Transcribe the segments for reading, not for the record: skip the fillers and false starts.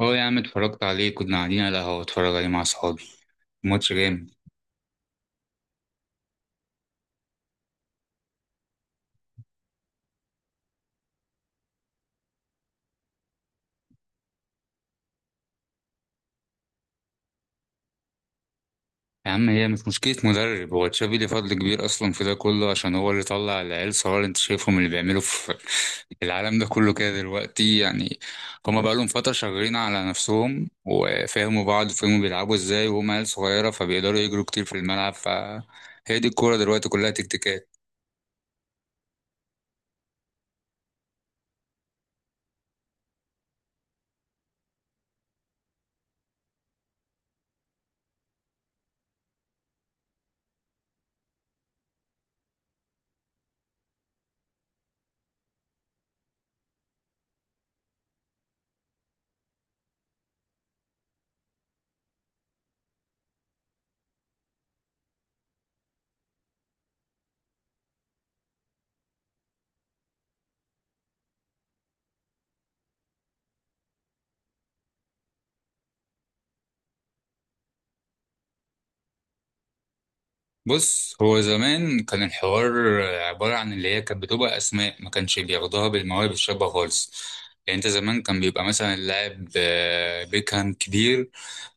هو يا عم، اتفرجت عليه كنا قاعدين على القهوة اتفرج عليه مع صحابي. ماتش جامد. يا عم، هي مش مشكلة مدرب، هو تشافي ليه فضل كبير أصلا في ده كله، عشان هو اللي طلع العيال صغار اللي أنت شايفهم اللي بيعملوا في العالم ده كله كده دلوقتي يعني. هما بقالهم فترة شغالين على نفسهم وفهموا بعض وفهموا بيلعبوا ازاي، وهما عيال صغيرة فبيقدروا يجروا كتير في الملعب. فهي دي الكورة دلوقتي، كلها تكتيكات. بص، هو زمان كان الحوار عبارة عن اللي هي كانت بتبقى أسماء، ما كانش بياخدوها بالمواهب الشابة خالص. يعني أنت زمان كان بيبقى مثلا اللاعب بيكهام كبير.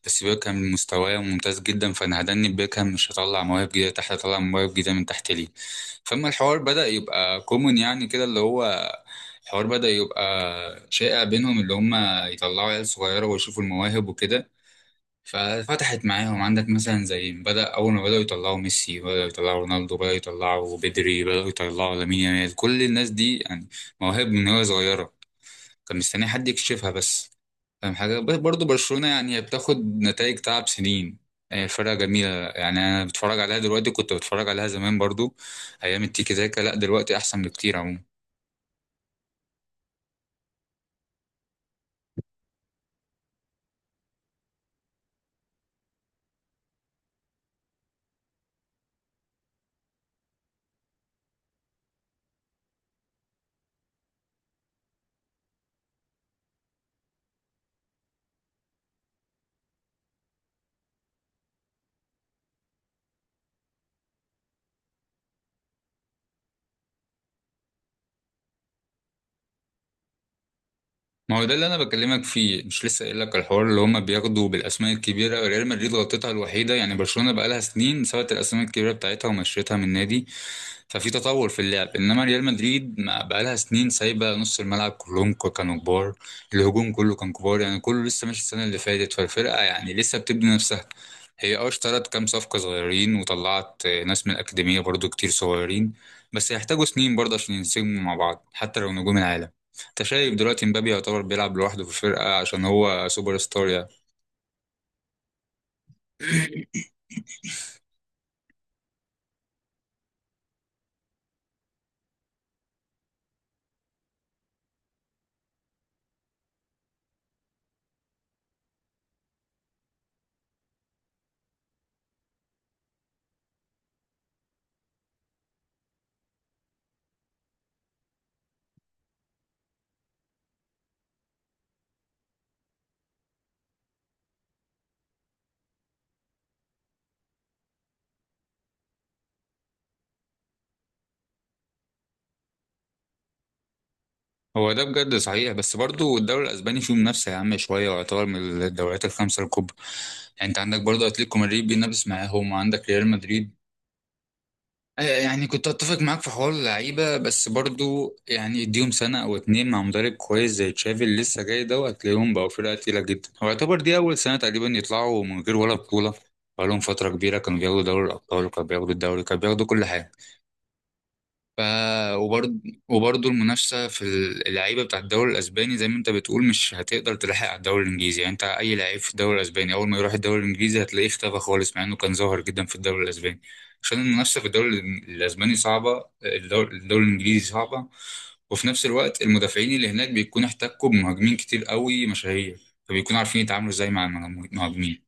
بس بيكهام مستواه ممتاز جدا، فأنا هدني بيكهام مش هطلع مواهب جديدة تحت، هطلع مواهب جديدة من تحت ليه. فأما الحوار بدأ يبقى كومون، يعني كده اللي هو الحوار بدأ يبقى شائع بينهم، اللي هم يطلعوا عيال صغيرة ويشوفوا المواهب وكده. ففتحت معاهم. عندك مثلا زي بدأ، أول ما بدأوا يطلعوا ميسي، بدأوا يطلعوا رونالدو، بدأوا يطلعوا بدري، بدأوا يطلعوا لامين يامال، كل الناس دي يعني مواهب من وهي صغيرة، كان مستني حد يكشفها بس. فاهم حاجة، برضه برشلونة يعني هي بتاخد نتائج تعب سنين. هي فرقة جميلة، يعني أنا بتفرج عليها دلوقتي كنت بتفرج عليها زمان برضه أيام التيكي تاكا. لأ، دلوقتي أحسن بكتير عموما. ما هو ده اللي انا بكلمك فيه، مش لسه قايل لك الحوار اللي هما بياخدوا بالاسماء الكبيره؟ ريال مدريد غلطتها الوحيده، يعني برشلونه بقى لها سنين سابت الاسماء الكبيره بتاعتها ومشيتها من النادي. ففي تطور في اللعب، انما ريال مدريد ما بقالها سنين سايبه. نص الملعب كلهم كانوا كبار. الهجوم كله كان كبار، يعني كله لسه ماشي السنه اللي فاتت، فالفرقه يعني لسه بتبني نفسها. هي اشترت كام صفقه صغيرين، وطلعت ناس من الاكاديميه برضو كتير صغيرين. بس هيحتاجوا سنين برضه عشان ينسجموا مع بعض، حتى لو نجوم العالم. انت شايف دلوقتي مبابي يعتبر بيلعب لوحده في الفرقه، عشان هو سوبر ستار يعني. هو ده بجد صحيح، بس برضو الدوري الاسباني فيه منافسه يا عم شويه، ويعتبر من الدوريات الخمسه الكبرى. يعني انت عندك برضو اتلتيكو مدريد بينافس معاهم، وعندك ريال مدريد. يعني كنت اتفق معاك في حوار اللعيبه، بس برضو يعني اديهم سنه او اتنين مع مدرب كويس زي تشافي اللي لسه جاي ده، وهتلاقيهم بقوا فرقه تقيله جدا. هو يعتبر دي اول سنه تقريبا يطلعوا من غير ولا بطوله. بقالهم فتره كبيره كانوا بياخدوا دوري الابطال، وكانوا بياخدوا الدوري، كانوا بياخدوا كل حاجه. ف وبرضه وبرضه المنافسة في اللعيبة بتاع الدوري الأسباني زي ما أنت بتقول، مش هتقدر تلحق على الدوري الإنجليزي. يعني أنت أي لعيب في الدوري الأسباني أول ما يروح الدوري الإنجليزي هتلاقيه اختفى خالص، مع إنه كان ظاهر جدا في الدوري الأسباني، عشان المنافسة في الدوري الأسباني صعبة. الدوري الإنجليزي صعبة، وفي نفس الوقت المدافعين اللي هناك بيكونوا احتكوا بمهاجمين كتير قوي مشاهير، فبيكونوا عارفين يتعاملوا إزاي مع المهاجمين.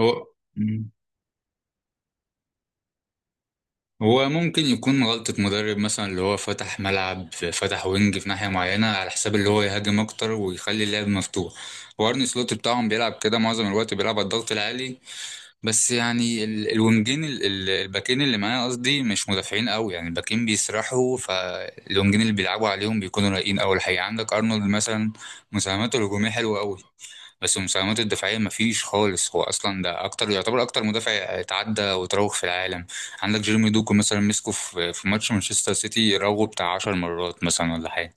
هو هو ممكن يكون غلطة مدرب مثلا، اللي هو فتح ملعب، فتح وينج في ناحية معينة على حساب اللي هو يهاجم أكتر ويخلي اللعب مفتوح. وارني سلوت بتاعهم بيلعب كده معظم الوقت، بيلعب على الضغط العالي. بس يعني الباكين اللي معايا قصدي، مش مدافعين قوي يعني. الباكين بيسرحوا، فالوينجين اللي بيلعبوا عليهم بيكونوا رايقين قوي الحقيقة. عندك أرنولد مثلا، مساهماته الهجومية حلوة قوي، بس المساهمات الدفاعية مفيش خالص. هو أصلا ده أكتر، يعتبر أكتر مدافع اتعدى وتراوغ في العالم. عندك جيرمي دوكو مثلا، مسكه في ماتش مانشستر سيتي، راوغه بتاع 10 مرات مثلا ولا حاجة.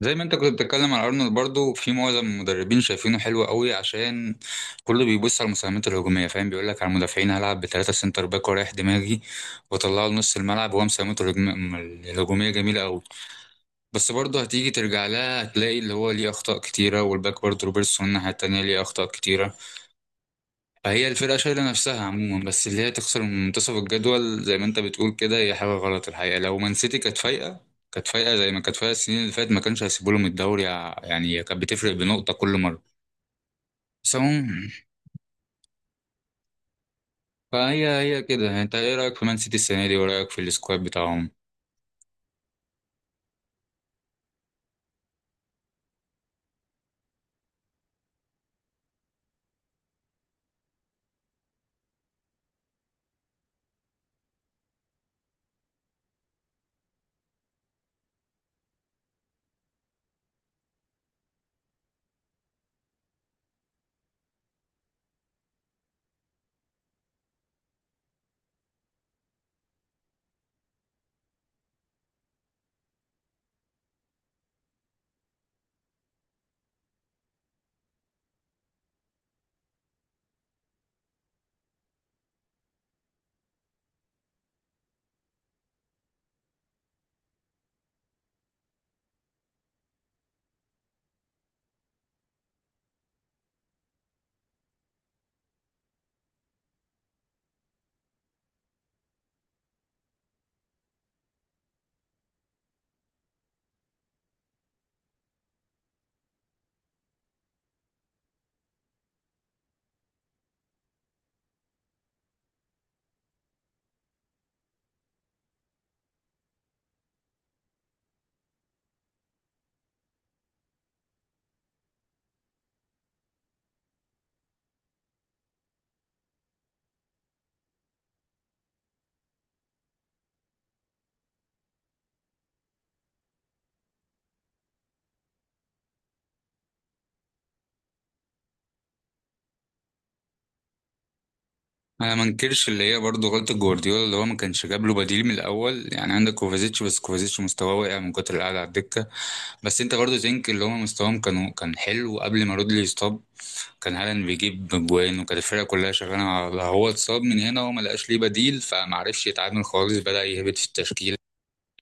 زي ما أنت كنت بتتكلم عن أرنولد، برضو في معظم المدربين شايفينه حلو قوي، عشان كله بيبص على المساهمات الهجومية. فاهم، بيقول لك على المدافعين هلعب ب3 سنتر باك ورايح دماغي، وأطلعه لنص الملعب، وهو مساهمته الهجومية جميلة قوي. بس برضه هتيجي ترجع لها هتلاقي اللي هو ليه أخطاء كتيرة، والباك برضه روبرتسون الناحية التانية ليه أخطاء كتيرة. هي الفرقة شايلة نفسها عموما، بس اللي هي تخسر من منتصف الجدول زي ما انت بتقول كده هي حاجة غلط الحقيقة. لو مان سيتي كانت فايقة، كانت فايقة زي ما كانت فايقة السنين اللي فاتت، ما كانش هيسيبوا لهم الدوري يعني كانت بتفرق بنقطة كل مرة. بس عموما، فهي هي كده. انت ايه رأيك في مان سيتي السنة دي ورأيك في السكواد بتاعهم؟ انا ما انكرش اللي هي برضه غلطة جوارديولا، اللي هو ما كانش جاب له بديل من الاول. يعني عندك كوفازيتش، بس كوفازيتش مستواه واقع من كتر القعدة على الدكة. بس انت برضه تنك اللي هو مستواهم كانوا كان حلو قبل ما رودلي يصاب. كان هالاند بيجيب جوان، وكانت الفرقه كلها شغاله على هو. اتصاب من هنا وما لقاش ليه بديل، فمعرفش يتعامل خالص، بدأ يهبط في التشكيل.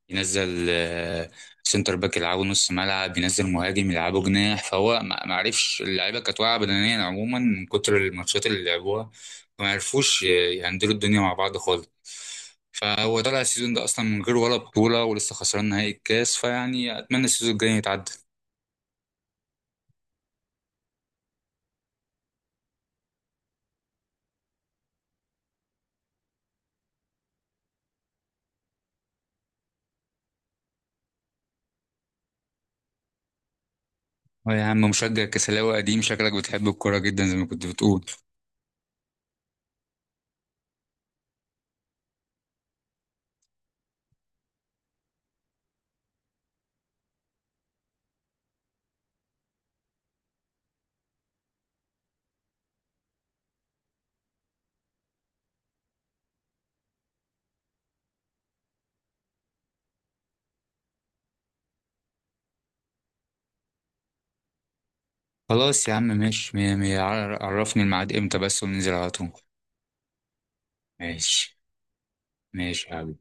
ينزل سنتر باك يلعبه نص ملعب، ينزل مهاجم يلعبه جناح. فهو ما عرفش. اللعيبه كانت واقعه بدنيا عموما من كتر الماتشات اللي لعبوها، فما عرفوش يهندلوا الدنيا مع بعض خالص. فهو طلع السيزون ده اصلا من غير ولا بطوله، ولسه خسران نهائي الكاس. فيعني اتمنى السيزون الجاي يتعدى. يا عم، مشجع كسلاوي قديم شكلك، بتحب الكوره جدا زي ما كنت بتقول. خلاص يا عم، ماشي مية مية. عرفني الميعاد امتى بس وننزل على طول. ماشي. ماشي يا حبيبي.